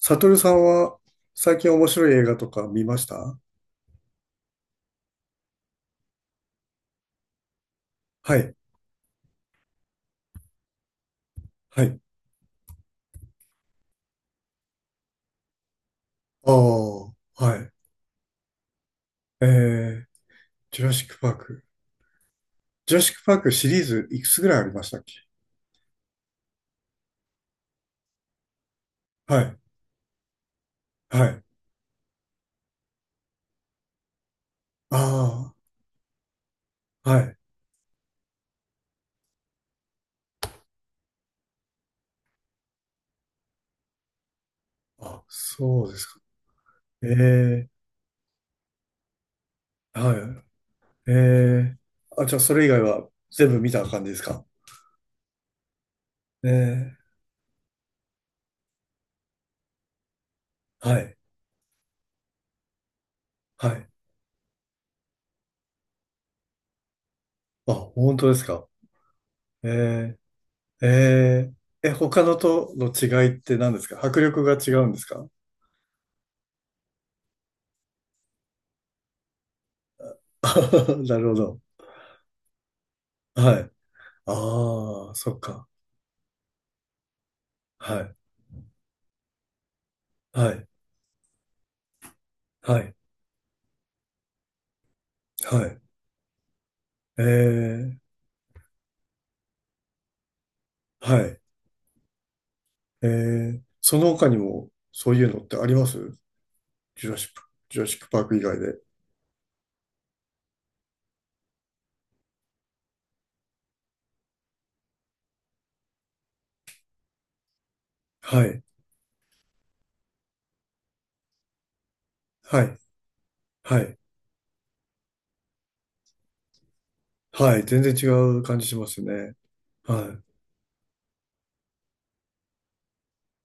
サトルさんは最近面白い映画とか見ました？はい、はい。ああ、はい。えー、ジュラシックパーク。ジュラシックパークシリーズいくつぐらいありましたっけ？はい、はい。ああ、はい。あ、そうですか。ええはい。ええあ、じゃあそれ以外は全部見た感じですか？ええはい、はい。あ、本当ですか。えええええ、他のとの違いって何ですか？迫力が違うんですか？ なるほど。はい。ああ、そっか。はい。はい。はい。はい。ええ、はい。ええ、その他にも、そういうのってあります？ジュラシック、ジュラシックパーク以外で。はい。はい。はい。はい。全然違う感じしますね。はい。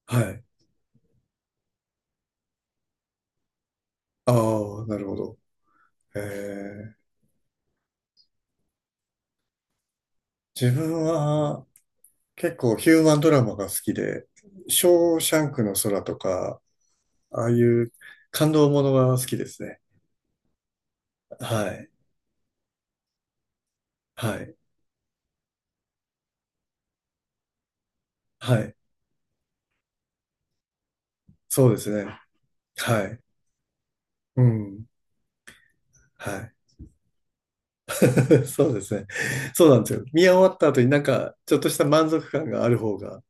はい。ああ、なるほど。ええ、自分は、結構ヒューマンドラマが好きで、ショーシャンクの空とか、ああいう感動ものが好きですね。はい。はい。はい。そうですね。はい。うん。はい。そうですね。そうなんですよ。見終わった後になんか、ちょっとした満足感がある方が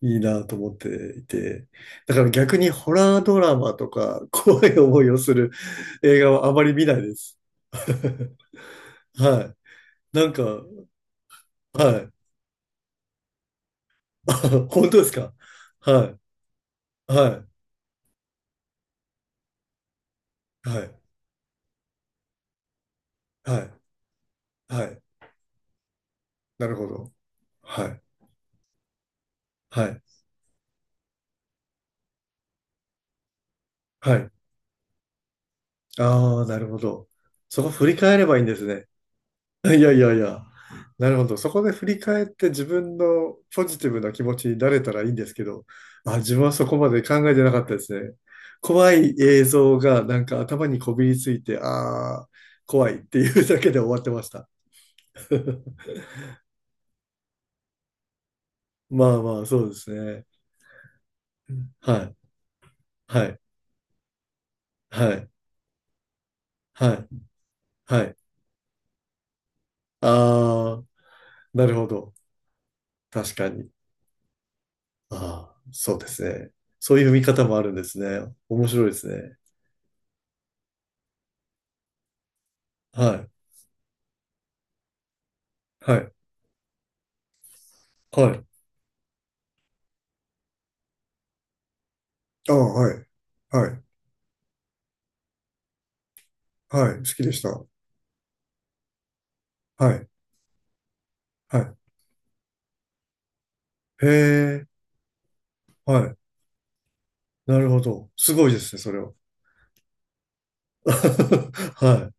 いいなと思っていて。だから逆にホラードラマとか、怖い思いをする映画はあまり見ないです。はい。なんか、はい。本当ですか？はい。はい。はい。はい。はい。なるほど。はい。はい。はい。ああ、なるほど。そこ振り返ればいいんですね。いやいやいや。なるほど。そこで振り返って自分のポジティブな気持ちになれたらいいんですけど、あ、自分はそこまで考えてなかったですね。怖い映像がなんか頭にこびりついて、ああ、怖いっていうだけで終わってました。まあまあ、そうですね。はい、はい、はい、はい、はい。ああ、なるほど。確かに。ああ、そうですね。そういう見方もあるんですね。面白いですね。はい。はい。はい。ああ、はい。はい。はい。好きでした。はい。はい。へえ。はい。なるほど。すごいですね、それは。は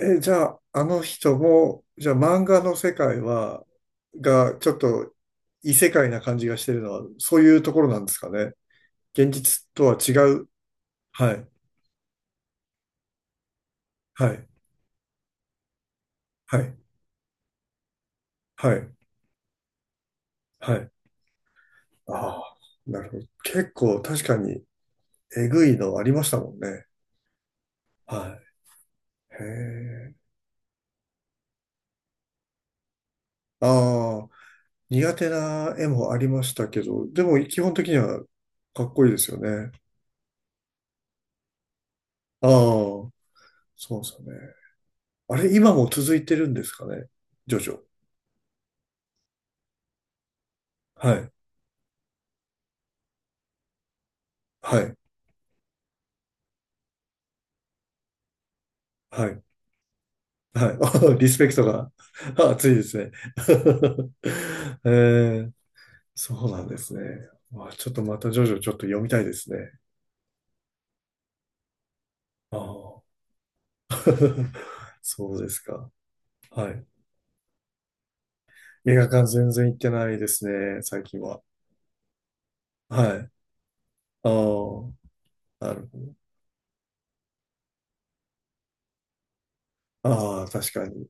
いえ、じゃあ、あの人も、じゃあ漫画の世界は、が、ちょっと異世界な感じがしてるのは、そういうところなんですかね。現実とは違う。はい。はい。はい。はい。はい。ああ、なるほど。結構確かにえぐいのありましたもんね。はい。へえ。ああ、苦手な絵もありましたけど、でも基本的にはかっこいいですよね。ああ、そうですよね。あれ、今も続いてるんですかね。ジョジョ。はい。はい。はい。はい。リスペクトが 熱いですね。えー、そうなんですね。まあ、ちょっとまたジョジョちょっと読みたいですね。ああ、そうですか。はい。映画館全然行ってないですね、最近は。はい。ああ、なるほど。ああ、確かに。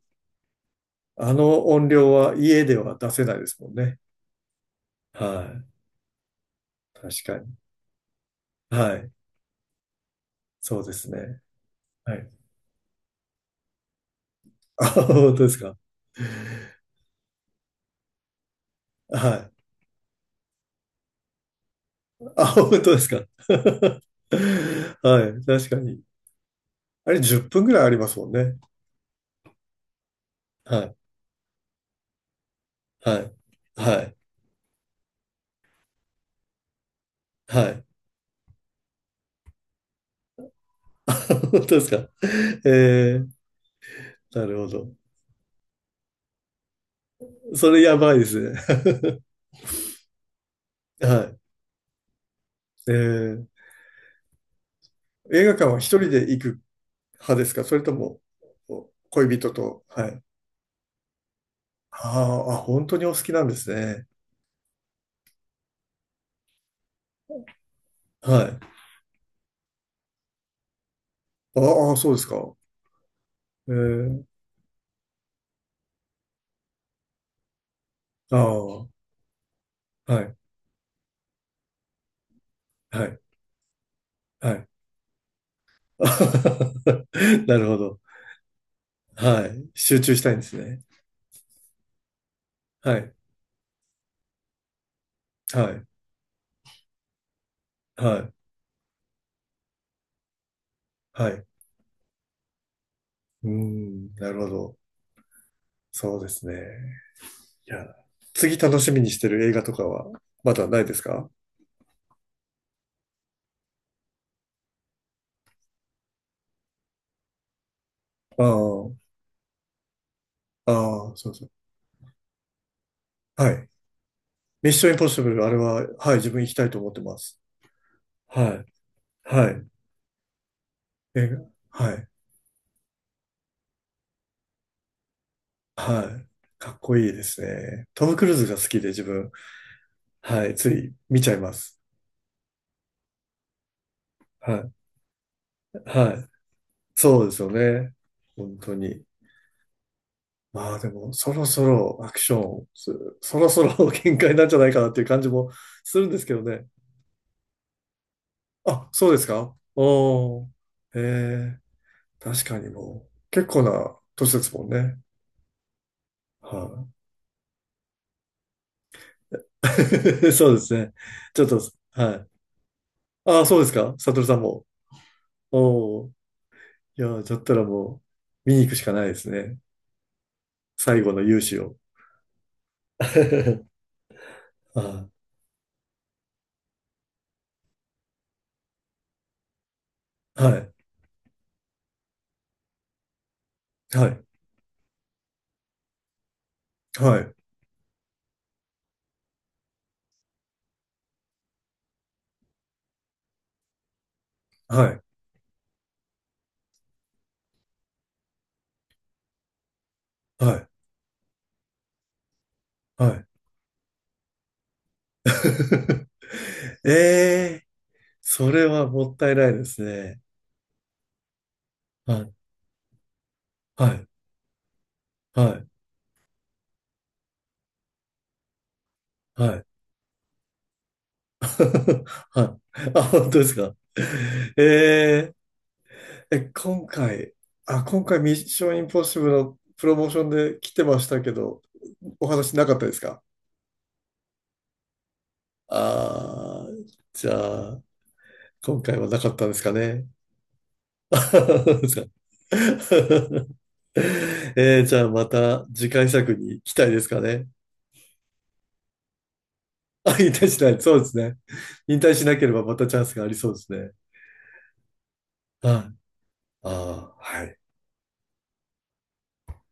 あの音量は家では出せないですもんね。はい。確かに。はい。そうですね。はい。あ、本当ですか。はい。あ、本当ですか。はい。確かに。あれ10分ぐらいありますもんね。はい。はい。はい。はい。本当ですか。えー、なるほど。それやばいですね。はい。えー映画館は一人で行く派ですか？それとも、恋人と。はい。あーあ、本当にお好きなんですね。はい。ああ、そうですか。えー、ああ、はい、はい、はい。なるほど。はい。集中したいんですね。はい、はい、はい、はい。うーん、なるほど。そうですね。いや、次楽しみにしてる映画とかはまだないですか？ああ、ああ、そうそう。はい。ミッションインポッシブル、あれは、はい、自分行きたいと思ってます。はい、はい、え、はい、はい。かっこいいですね。トム・クルーズが好きで自分、はい、つい見ちゃいます。はい、はい。そうですよね。本当に。まあでも、そろそろアクション、そろそろ 限界なんじゃないかなっていう感じもするんですけどね。あ、そうですかおー、えー、確かにもう、結構な年ですもんね。はい。そうですね。ちょっと、はい。ああ、そうですか。サトルさんも。おお。いやー、だったらもう、見に行くしかないですね。最後の勇姿を。ああ、はい。はい。はい。はい。はい。はい。ええそれはもったいないですね。はい。はい。はい。はい。はい。あ、本当ですか。えー、え、今回、あ、今回ミッションインポッシブルのプロモーションで来てましたけど、お話なかったですか？ああー、じゃあ、今回はなかったんですかね。じゃあ えー、じゃあまた次回作に期待ですかね。あ、引退しない。そうですね。引退しなければまたチャンスがありそうですね。はい。ああ、はい。